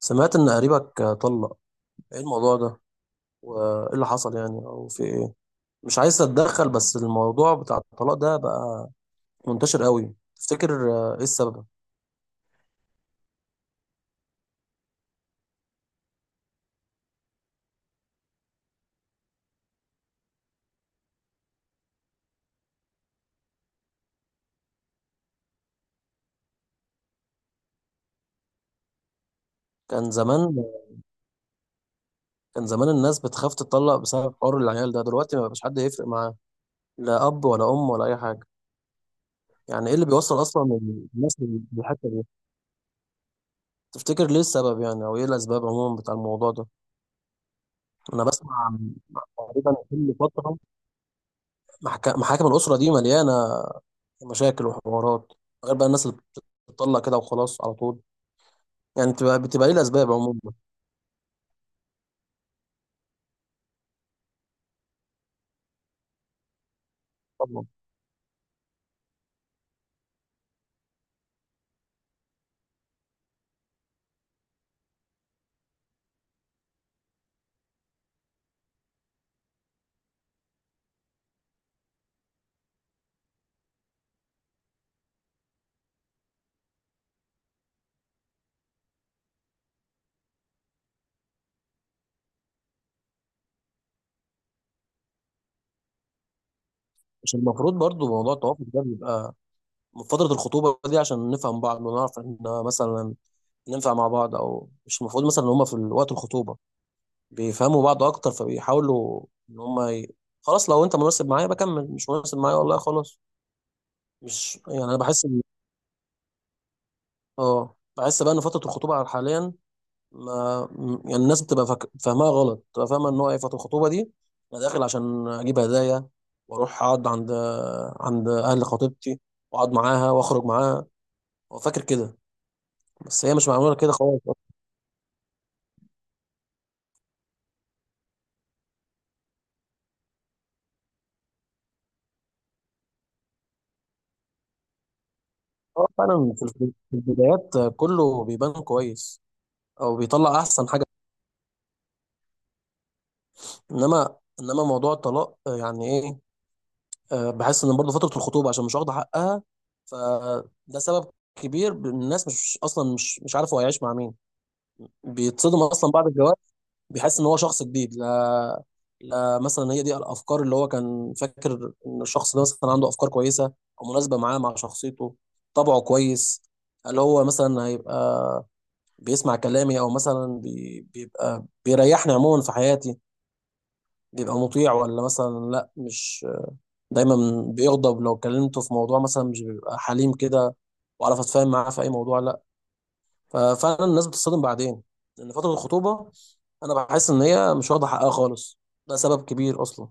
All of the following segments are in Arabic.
سمعت إن قريبك طلق. إيه الموضوع ده؟ وإيه اللي حصل يعني أو في إيه؟ مش عايز أتدخل، بس الموضوع بتاع الطلاق ده بقى منتشر قوي. تفتكر، إيه السبب؟ كان زمان كان زمان الناس بتخاف تطلق بسبب حوار العيال ده. دلوقتي ما بقاش حد يفرق معاه، لا أب ولا أم ولا أي حاجة. يعني إيه اللي بيوصل أصلا الناس للحتة دي؟ تفتكر ليه السبب يعني، أو إيه الأسباب عموما بتاع الموضوع ده؟ أنا بسمع عن تقريبا كل فترة محاكم الأسرة دي مليانة مشاكل وحوارات، غير بقى الناس اللي بتطلع كده وخلاص على طول. يعني بتبقى ايه الاسباب عموما؟ طبعا. مش المفروض برضو موضوع التوافق ده بيبقى من فتره الخطوبه دي عشان نفهم بعض ونعرف ان مثلا ننفع مع بعض، او مش المفروض مثلا ان هم في وقت الخطوبه بيفهموا بعض اكتر، فبيحاولوا ان هم خلاص. لو انت مناسب معايا بكمل، مش مناسب معايا والله خلاص. مش يعني انا بحس ان اه، بحس بقى ان فتره الخطوبه حاليا ما م- الناس بتبقى فاهماها غلط، بتبقى فاهمه ان هو ايه فتره الخطوبه دي. انا داخل عشان اجيب هدايا، واروح اقعد عند اهل خطيبتي، واقعد معاها واخرج معاها. هو فاكر كده، بس هي مش معموله كده خالص. هو فعلا في في البدايات كله بيبان كويس، او بيطلع احسن حاجه. انما موضوع الطلاق، يعني ايه؟ بحس ان برضه فتره الخطوبه عشان مش واخده حقها، فده سبب كبير. الناس مش اصلا مش عارف هو هيعيش مع مين. بيتصدم اصلا بعد الجواز، بيحس ان هو شخص جديد. لا، لا، مثلا هي دي الافكار اللي هو كان فاكر ان الشخص ده مثلا عنده افكار كويسه، او مناسبه معاه مع شخصيته، طبعه كويس، اللي هو مثلا هيبقى بيسمع كلامي، او مثلا بيبقى بيريحني عموما في حياتي، بيبقى مطيع، ولا مثلا لا، مش دايما بيغضب لو كلمته في موضوع، مثلا مش بيبقى حليم كده، وعرف اتفاهم معاه في اي موضوع لا. ففعلا الناس بتصطدم بعدين لان فتره الخطوبه انا بحس ان هي مش واخده حقها خالص. ده سبب كبير اصلا.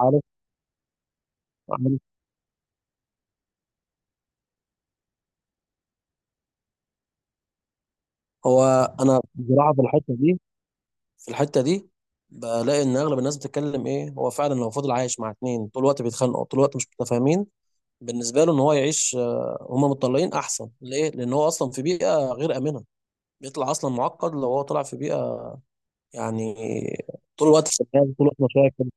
عارف، عارف. هو انا بصراحه في الحته دي، في الحته دي بلاقي ان اغلب الناس بتتكلم ايه. هو فعلا لو فضل عايش مع اتنين طول الوقت بيتخانقوا طول الوقت مش متفاهمين، بالنسبه له ان هو يعيش، هما متطلقين احسن ليه، لان هو اصلا في بيئه غير امنه. بيطلع اصلا معقد لو هو طلع في بيئه يعني طول الوقت شغال، طول الوقت مشاكل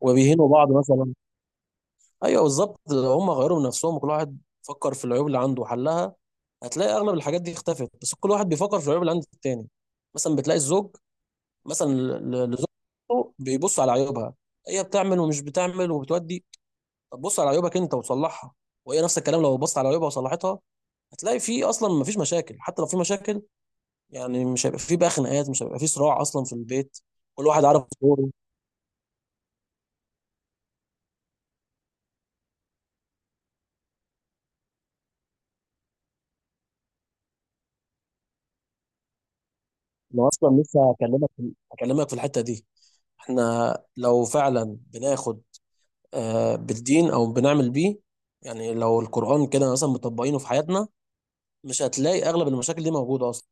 وبيهينوا بعض مثلا. ايوه بالظبط، لو هم غيروا من نفسهم وكل واحد فكر في العيوب اللي عنده وحلها، هتلاقي اغلب الحاجات دي اختفت. بس كل واحد بيفكر في العيوب اللي عند التاني. مثلا بتلاقي الزوج، مثلا لزوجته بيبص على عيوبها، هي بتعمل ومش بتعمل وبتودي. طب بص على عيوبك انت وتصلحها، وهي نفس الكلام لو بصت على عيوبها وصلحتها. هتلاقي في اصلا مفيش مشاكل. حتى لو في مشاكل يعني مش هيبقى في بقى خناقات، مش هيبقى في صراع اصلا في البيت. كل واحد عارف دوره. انا اصلا لسه هكلمك، في الحتة دي. احنا لو فعلا بناخد، بالدين او بنعمل بيه، يعني لو القرآن كده مثلا مطبقينه في حياتنا، مش هتلاقي اغلب المشاكل دي موجودة اصلا.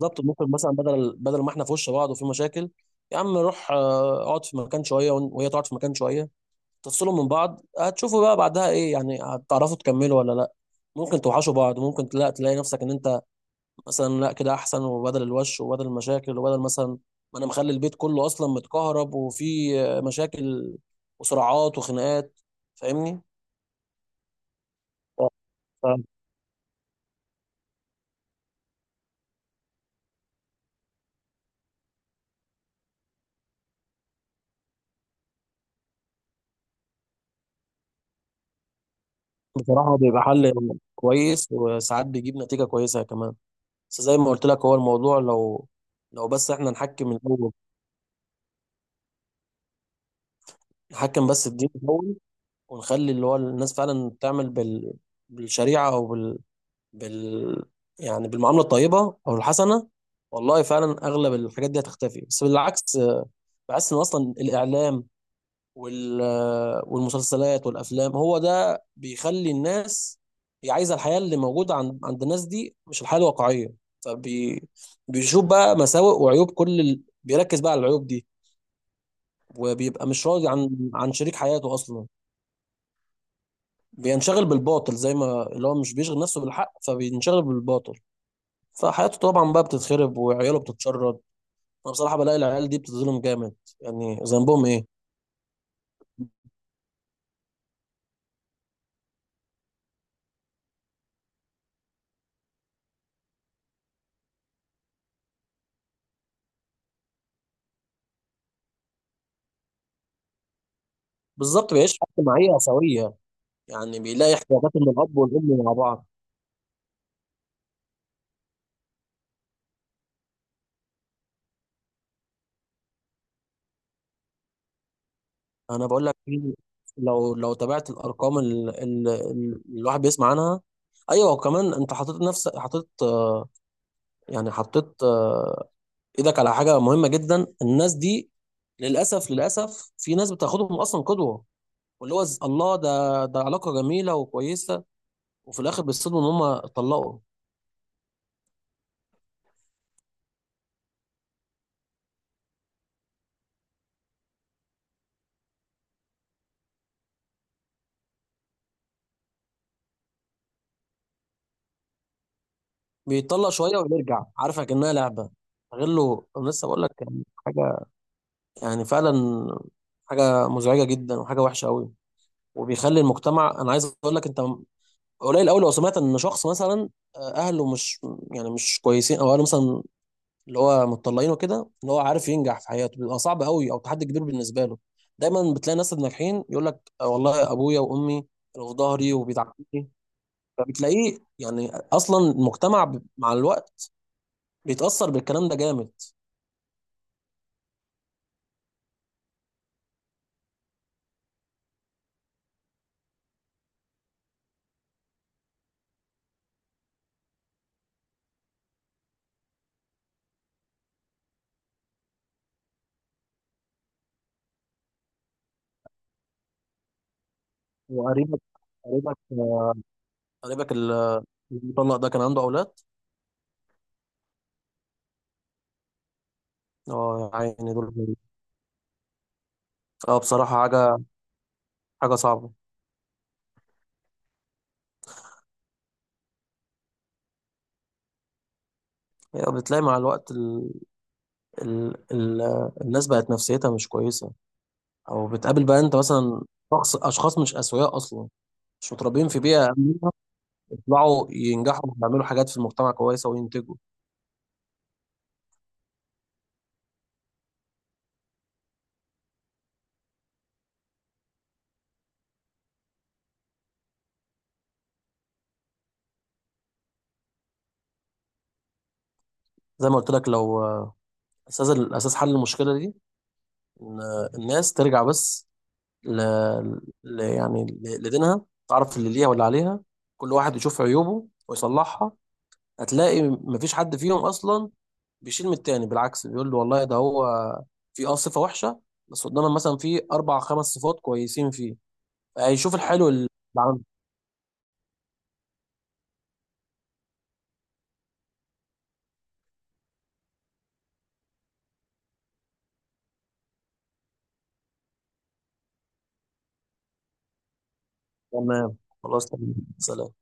بالظبط، ممكن مثلا بدل ما احنا في وش بعض وفي مشاكل، يا عم روح، اقعد في مكان شوية، وهي تقعد في مكان شوية، تفصلوا من بعض. هتشوفوا بقى بعدها ايه، يعني هتعرفوا تكملوا ولا لا. ممكن توحشوا بعض، ممكن لا تلاقي نفسك ان انت مثلا لا كده احسن، وبدل الوش وبدل المشاكل وبدل مثلا ما انا مخلي البيت كله اصلا متكهرب وفي، مشاكل وصراعات وخناقات. فاهمني؟ بصراحة بيبقى حل كويس، وساعات بيجيب نتيجة كويسة كمان. بس زي ما قلت لك، هو الموضوع لو، بس احنا نحكم الأول. نحكم بس الدين الأول، ونخلي اللي هو الناس فعلا تعمل بالشريعة، أو بال... بال يعني بالمعاملة الطيبة أو الحسنة. والله فعلا أغلب الحاجات دي هتختفي. بس بالعكس، بحس إن أصلا الإعلام، وال والمسلسلات والافلام، هو ده بيخلي الناس، هي عايزه الحياه اللي موجوده عند الناس دي، مش الحياه الواقعيه. فبيشوف بقى مساوئ وعيوب بيركز بقى على العيوب دي، وبيبقى مش راضي عن شريك حياته اصلا. بينشغل بالباطل، زي ما اللي هو مش بيشغل نفسه بالحق فبينشغل بالباطل. فحياته طبعا بقى بتتخرب وعياله بتتشرد. انا بصراحه بلاقي العيال دي بتتظلم جامد، يعني ذنبهم ايه؟ بالظبط، بيعيش حياه اجتماعيه سويه، يعني بيلاقي احتياجات من الاب والام مع بعض. انا بقول لك لو، تابعت الارقام اللي الواحد بيسمع عنها. ايوه، وكمان انت حطيت نفسك، حطيت ايدك على حاجه مهمه جدا. الناس دي للاسف، في ناس بتاخدهم اصلا قدوه، واللي هو الله، ده علاقه جميله وكويسه، وفي الاخر بيصدموا ان هم اتطلقوا. بيطلق شويه ويرجع، عارفه كانها لعبه. غير له أنا لسه بقول لك يعني حاجه، يعني فعلا حاجه مزعجه جدا وحاجه وحشه قوي. وبيخلي المجتمع، انا عايز اقول لك انت قليل قوي لو سمعت ان شخص مثلا، اهله مش كويسين، او اهله مثلا اللي هو متطلعين وكده، ان هو عارف ينجح في حياته بيبقى صعب قوي، او تحدي كبير بالنسبه له. دايما بتلاقي ناس ناجحين يقول لك والله ابويا وامي كانوا في ظهري وبيدعموني. فبتلاقيه يعني اصلا المجتمع مع الوقت بيتاثر بالكلام ده جامد. وقريبك، قريبك آه، قريبك المطلق ده كان عنده اولاد. اه يا عيني، دول اه، بصراحة حاجة صعبة. يعني بتلاقي مع الوقت ال... ال... الناس بقت نفسيتها مش كويسة، أو بتقابل بقى أنت مثلا أشخاص مش أسوياء أصلا، مش متربيين في بيئة آمنة، يطلعوا ينجحوا ويعملوا حاجات في المجتمع كويسة وينتجوا. زي ما قلت لك، لو، الأساس حل المشكلة دي إن، الناس ترجع بس ل... لدينها، تعرف اللي ليها واللي عليها، كل واحد يشوف عيوبه ويصلحها. هتلاقي مفيش حد فيهم أصلا بيشيل من التاني، بالعكس بيقول له والله ده هو في اه صفه وحشه، بس قدامنا مثلا في اربع خمس صفات كويسين فيه. هيشوف الحلو اللي عنده. تمام، خلاص، تمام، سلام.